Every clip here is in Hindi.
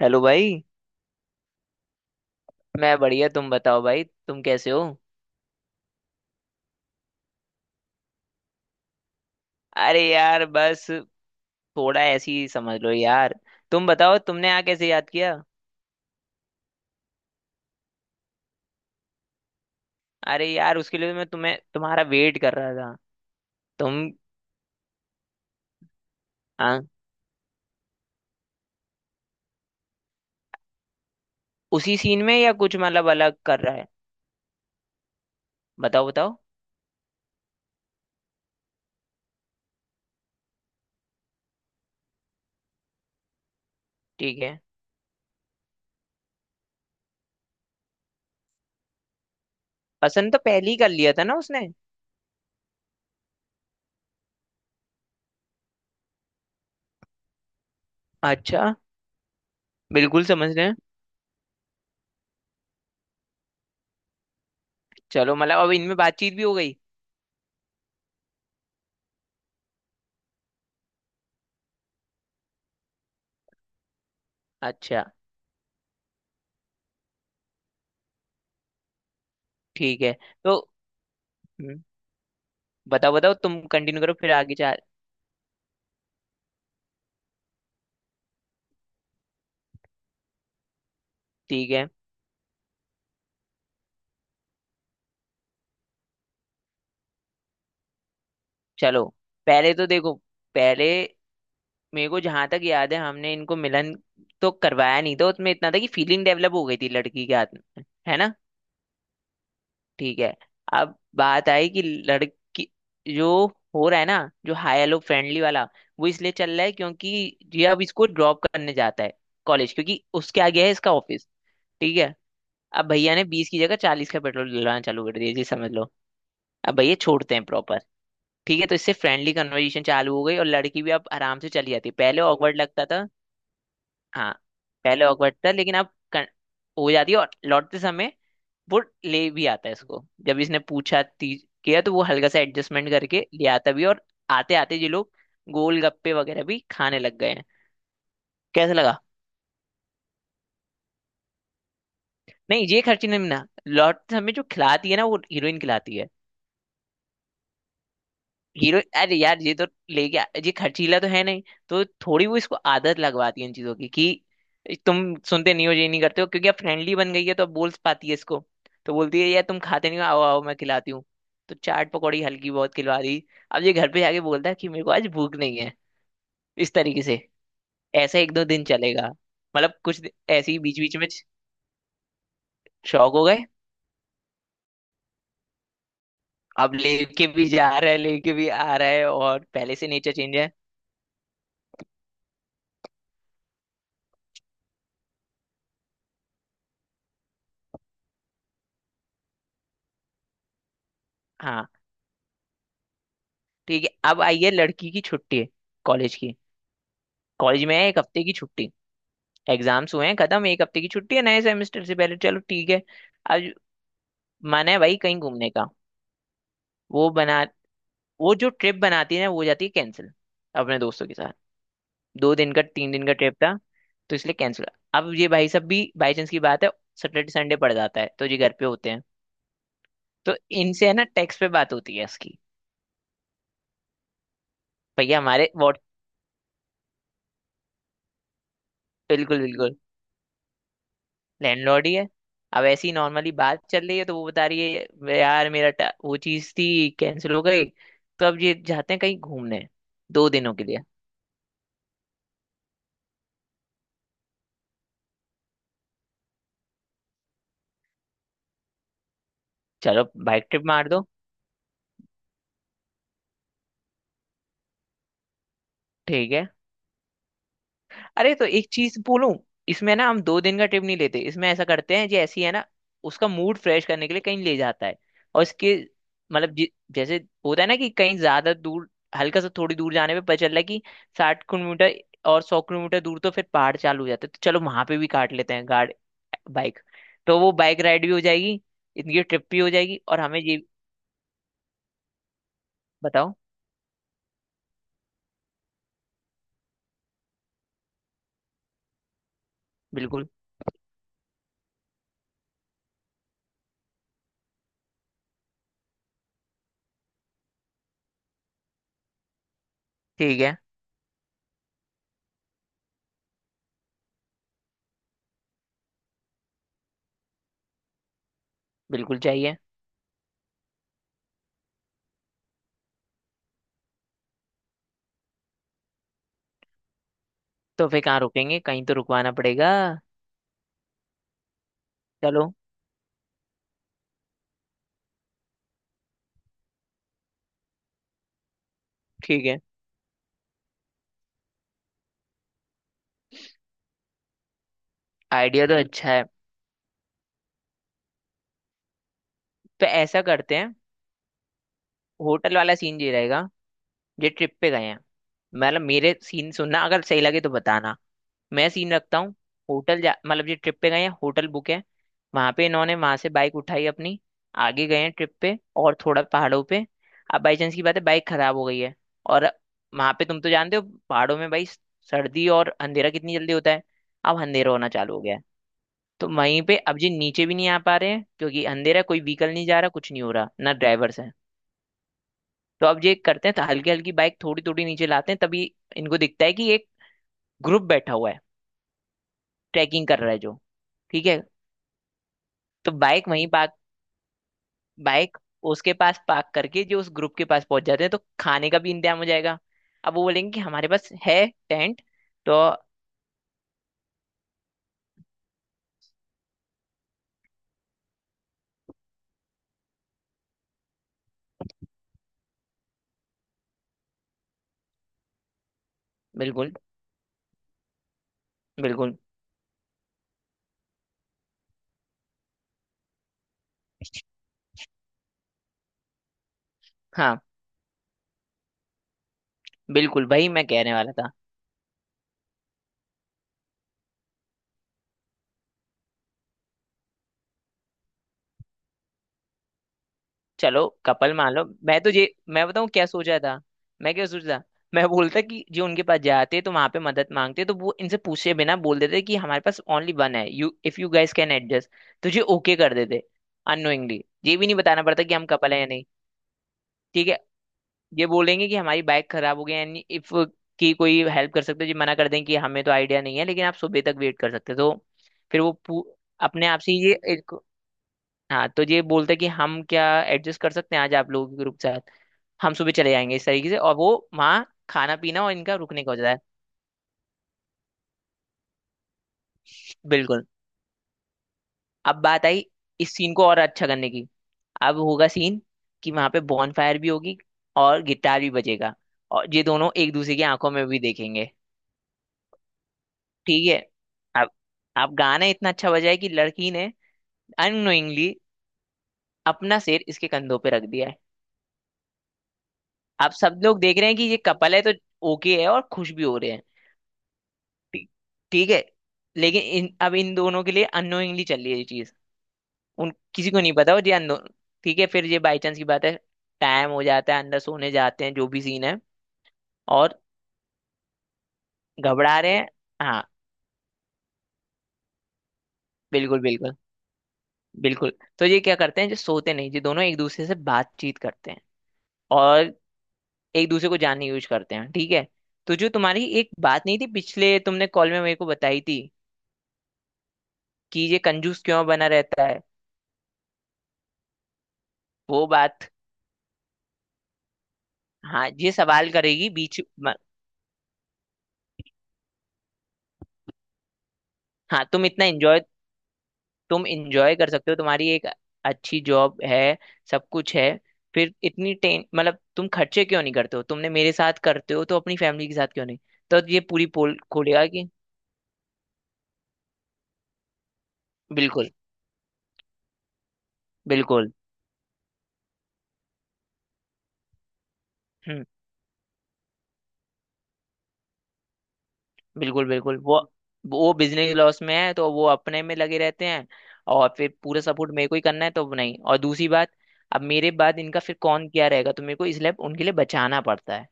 हेलो भाई। मैं बढ़िया, तुम बताओ भाई तुम कैसे हो। अरे यार बस थोड़ा ऐसी ही समझ लो यार। तुम बताओ तुमने आ कैसे याद किया। अरे यार उसके लिए तो मैं तुम्हें तुम्हारा वेट कर रहा था। तुम आ, उसी सीन में या कुछ मतलब अलग कर रहा है। बताओ बताओ। ठीक है। पसंद तो पहले ही कर लिया था ना उसने। अच्छा। बिल्कुल समझ रहे हैं। चलो मतलब अब इनमें बातचीत भी हो गई। अच्छा। ठीक है। तो हम्म, बताओ बताओ तुम कंटिन्यू करो फिर आगे चाल। ठीक है। चलो पहले तो देखो, पहले मेरे को जहां तक याद है हमने इनको मिलन तो करवाया नहीं था, उसमें इतना था कि फीलिंग डेवलप हो गई थी लड़की के हाथ में। है ना। ठीक है। अब बात आई कि लड़की, जो हो रहा है ना, जो हाई हेलो फ्रेंडली वाला, वो इसलिए चल रहा है क्योंकि ये अब इसको ड्रॉप करने जाता है कॉलेज, क्योंकि उसके आगे है इसका ऑफिस। ठीक है। अब भैया ने 20 की जगह 40 का पेट्रोल डलवाना चालू कर दिया जी, समझ लो। अब भैया छोड़ते हैं प्रॉपर। ठीक है, तो इससे फ्रेंडली कन्वर्सेशन चालू हो गई और लड़की भी अब आराम से चली जाती है, पहले ऑकवर्ड लगता था। हाँ पहले ऑकवर्ड था लेकिन अब हो जाती है और लौटते समय वो ले भी आता है इसको। जब इसने पूछा किया तो वो हल्का सा एडजस्टमेंट करके ले आता भी है, और आते आते ये लोग गोलगप्पे वगैरह भी खाने लग गए हैं। कैसा लगा। नहीं ये खर्ची नहीं ना, लौटते समय जो खिलाती है ना वो हीरोइन खिलाती है। हीरो अरे यार ये तो ले गया, ये खर्चीला तो है नहीं। तो थोड़ी वो इसको आदत लगवाती है इन चीजों की, कि तुम सुनते नहीं हो, ये नहीं करते हो, क्योंकि अब फ्रेंडली बन गई है तो अब बोल पाती है इसको। तो बोलती है यार तुम खाते नहीं हो, आओ आओ मैं खिलाती हूँ। तो चाट पकौड़ी हल्की बहुत खिलवा दी। अब ये घर पे जाके बोलता है कि मेरे को आज भूख नहीं है, इस तरीके से। ऐसा एक दो दिन चलेगा, मतलब कुछ ऐसे ही बीच बीच में। शौक हो गए। अब लेके भी जा रहा है, लेके भी आ रहा है और पहले से नेचर चेंज है। हाँ ठीक है। अब आई है लड़की की छुट्टी, कॉलेज की। कॉलेज में है 1 हफ्ते की छुट्टी, एग्जाम्स हुए हैं खत्म, 1 हफ्ते की छुट्टी है नए सेमेस्टर से पहले। चलो ठीक है। अब मन है भाई कहीं घूमने का। वो बना, वो जो ट्रिप बनाती है ना वो हो जाती है कैंसिल, अपने दोस्तों के साथ। 2 दिन का 3 दिन का ट्रिप था, तो इसलिए कैंसिल। अब ये भाई सब भी बाई चांस की बात है। सैटरडे संडे पड़ जाता है तो ये घर पे होते हैं। तो इनसे है ना टेक्स्ट पे बात होती है इसकी। भैया हमारे व्हाट बिल्कुल बिल्कुल। लैंडलॉर्ड ही है। अब ऐसी नॉर्मली बात चल रही है तो वो बता रही है, "वे यार मेरा वो चीज थी कैंसिल हो गई।" तो अब ये जाते हैं कहीं घूमने, 2 दिनों के लिए। चलो बाइक ट्रिप मार दो। ठीक है। अरे तो एक चीज बोलूं, इसमें ना हम 2 दिन का ट्रिप नहीं लेते, इसमें ऐसा करते हैं, जो ऐसी है ना उसका मूड फ्रेश करने के लिए कहीं ले जाता है। और इसके मतलब जैसे होता है ना कि कहीं ज्यादा दूर, हल्का सा थोड़ी दूर जाने पे पता चल रहा है कि 60 किलोमीटर और 100 किलोमीटर दूर तो फिर पहाड़ चालू हो जाते हैं, तो चलो वहां पे भी काट लेते हैं गाड़ बाइक। तो वो बाइक राइड भी हो जाएगी, इनकी ट्रिप भी हो जाएगी और हमें ये। बताओ। बिल्कुल। ठीक है। बिल्कुल चाहिए। तो फिर कहाँ रुकेंगे, कहीं तो रुकवाना पड़ेगा। चलो। ठीक है। आइडिया तो अच्छा है, तो ऐसा करते हैं। होटल वाला सीन ये रहेगा, जो ट्रिप पे गए हैं। मतलब मेरे सीन सुनना, अगर सही लगे तो बताना। मैं सीन रखता हूँ। होटल जा मतलब जो ट्रिप पे गए हैं होटल बुक है। वहां पे इन्होंने, वहां से बाइक उठाई अपनी, आगे गए हैं ट्रिप पे और थोड़ा पहाड़ों पे। अब बाई चांस की बात है बाइक खराब हो गई है। और वहां पे तुम तो जानते हो पहाड़ों में भाई सर्दी और अंधेरा कितनी जल्दी होता है। अब अंधेरा होना चालू हो गया है, तो वहीं पे अब ये नीचे भी नहीं आ पा रहे हैं क्योंकि अंधेरा है, कोई व्हीकल नहीं जा रहा, कुछ नहीं हो रहा ना, ड्राइवर्स हैं। तो अब ये करते हैं, तो हल्की हल्की बाइक थोड़ी थोड़ी नीचे लाते हैं, तभी इनको दिखता है कि एक ग्रुप बैठा हुआ है, ट्रैकिंग कर रहा है जो। ठीक है। तो बाइक वहीं पार्क, बाइक उसके पास पार्क करके जो उस ग्रुप के पास पहुंच जाते हैं, तो खाने का भी इंतजाम हो जाएगा। अब वो बोलेंगे कि हमारे पास है टेंट। तो बिल्कुल बिल्कुल। हाँ बिल्कुल वही मैं कहने वाला था। चलो कपल मान लो, मैं तो ये मैं बताऊँ क्या सोचा था। मैं क्या सोचा था। मैं बोलता कि जो उनके पास जाते तो वहां पे मदद मांगते, तो वो इनसे पूछे बिना बोल देते कि हमारे पास ओनली वन है, you if you guys can adjust. तो ये ओके कर देते, अननोइंगली ये भी नहीं बताना पड़ता कि हम कपल है या नहीं। ठीक है। ये बोलेंगे कि हमारी बाइक खराब हो गई है, इफ की कोई हेल्प कर सकते हो। ये मना कर दें कि हमें तो आइडिया नहीं है, लेकिन आप सुबह तक वेट कर सकते हो तो। फिर वो अपने आप से ये एक, हाँ तो ये बोलते कि हम क्या एडजस्ट कर सकते हैं आज आप लोगों के ग्रुप से, हम सुबह चले जाएंगे, इस तरीके से। और वो वहाँ खाना पीना और इनका रुकने का हो जाता है। बिल्कुल। अब बात आई इस सीन को और अच्छा करने की। अब होगा सीन कि वहाँ पे बॉन फायर भी होगी और गिटार भी बजेगा, और ये दोनों एक दूसरे की आंखों में भी देखेंगे। ठीक है। अब अब गाना इतना अच्छा बजा है कि लड़की ने अननोइंगली अपना सिर इसके कंधों पे रख दिया है। अब सब लोग देख रहे हैं कि ये कपल है, तो ओके है और खुश भी हो रहे हैं। ठीक। ठीक है। लेकिन इन अब इन दोनों के लिए अननोइंगली चल रही है ये चीज, उन किसी को नहीं पता, वो जी अननोन। ठीक है। फिर ये बाई चांस की बात है, टाइम हो जाता है अंदर सोने जाते हैं, जो भी सीन है। और घबरा रहे हैं। हाँ बिल्कुल बिल्कुल बिल्कुल। तो ये क्या करते हैं, जो सोते नहीं ये दोनों एक दूसरे से बातचीत करते हैं, और एक दूसरे को जानने की कोशिश करते हैं। ठीक है। तो जो तुम्हारी एक बात नहीं थी पिछले तुमने कॉल में मेरे को बताई थी कि ये कंजूस क्यों बना रहता है, वो बात। हाँ ये सवाल करेगी बीच हाँ, तुम इतना एंजॉय, तुम इंजॉय कर सकते हो, तुम्हारी एक अच्छी जॉब है, सब कुछ है, फिर इतनी टें मतलब तुम खर्चे क्यों नहीं करते हो, तुमने मेरे साथ करते हो तो अपनी फैमिली के साथ क्यों नहीं। तो ये पूरी पोल खोलेगा कि बिल्कुल बिल्कुल। हम्म। बिल्कुल बिल्कुल। वो बिजनेस लॉस में है तो वो अपने में लगे रहते हैं, और फिर पूरा सपोर्ट मेरे को ही करना है तो, नहीं और दूसरी बात अब मेरे बाद इनका फिर कौन क्या रहेगा, तो मेरे को इसलिए उनके लिए बचाना पड़ता है।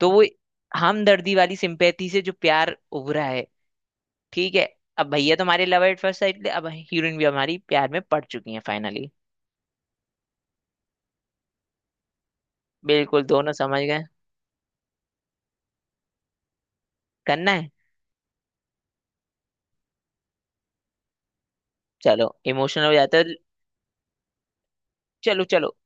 तो वो हमदर्दी वाली सिंपैथी से जो प्यार उभरा है। ठीक है। अब भैया तो हमारे लव एट फर्स्ट साइड थे, अब हीरोइन भी हमारी प्यार में पड़ चुकी है फाइनली। बिल्कुल दोनों समझ गए। करना है। चलो इमोशनल हो जाता है। चलो चलो।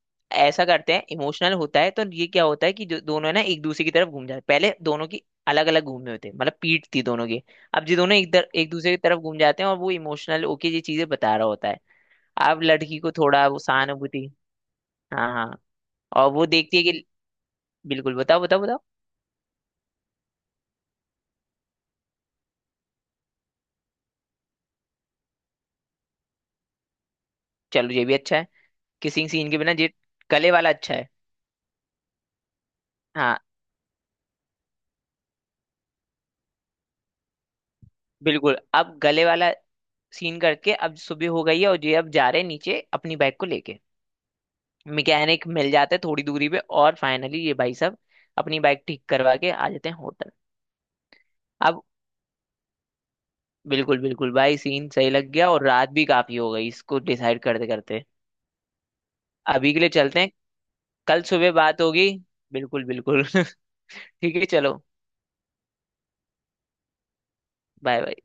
ऐसा करते हैं, इमोशनल होता है तो ये क्या होता है कि जो दोनों है ना एक दूसरे की तरफ घूम जाते हैं। पहले दोनों की अलग अलग घूमे होते हैं, मतलब पीठ थी दोनों की। अब जो दोनों एक एक दूसरे की तरफ घूम जाते हैं और वो इमोशनल होके ये चीजें बता रहा होता है। अब लड़की को थोड़ा वो सहानुभूति। हाँ हाँ। और वो देखती है कि। बिल्कुल बताओ बताओ बताओ। चलो ये भी अच्छा है, किसिंग सीन के बिना ये, गले वाला अच्छा है। हाँ। बिल्कुल। अब गले वाला सीन करके अब सुबह हो गई है और ये अब जा रहे हैं नीचे अपनी बाइक को लेके। मैकेनिक मिल जाते हैं थोड़ी दूरी पे और फाइनली ये भाई साहब अपनी बाइक ठीक करवा के आ जाते हैं होटल। अब बिल्कुल बिल्कुल भाई सीन सही लग गया, और रात भी काफी हो गई इसको डिसाइड करते करते। अभी के लिए चलते हैं, कल सुबह बात होगी। बिल्कुल बिल्कुल। ठीक है चलो। Bye bye.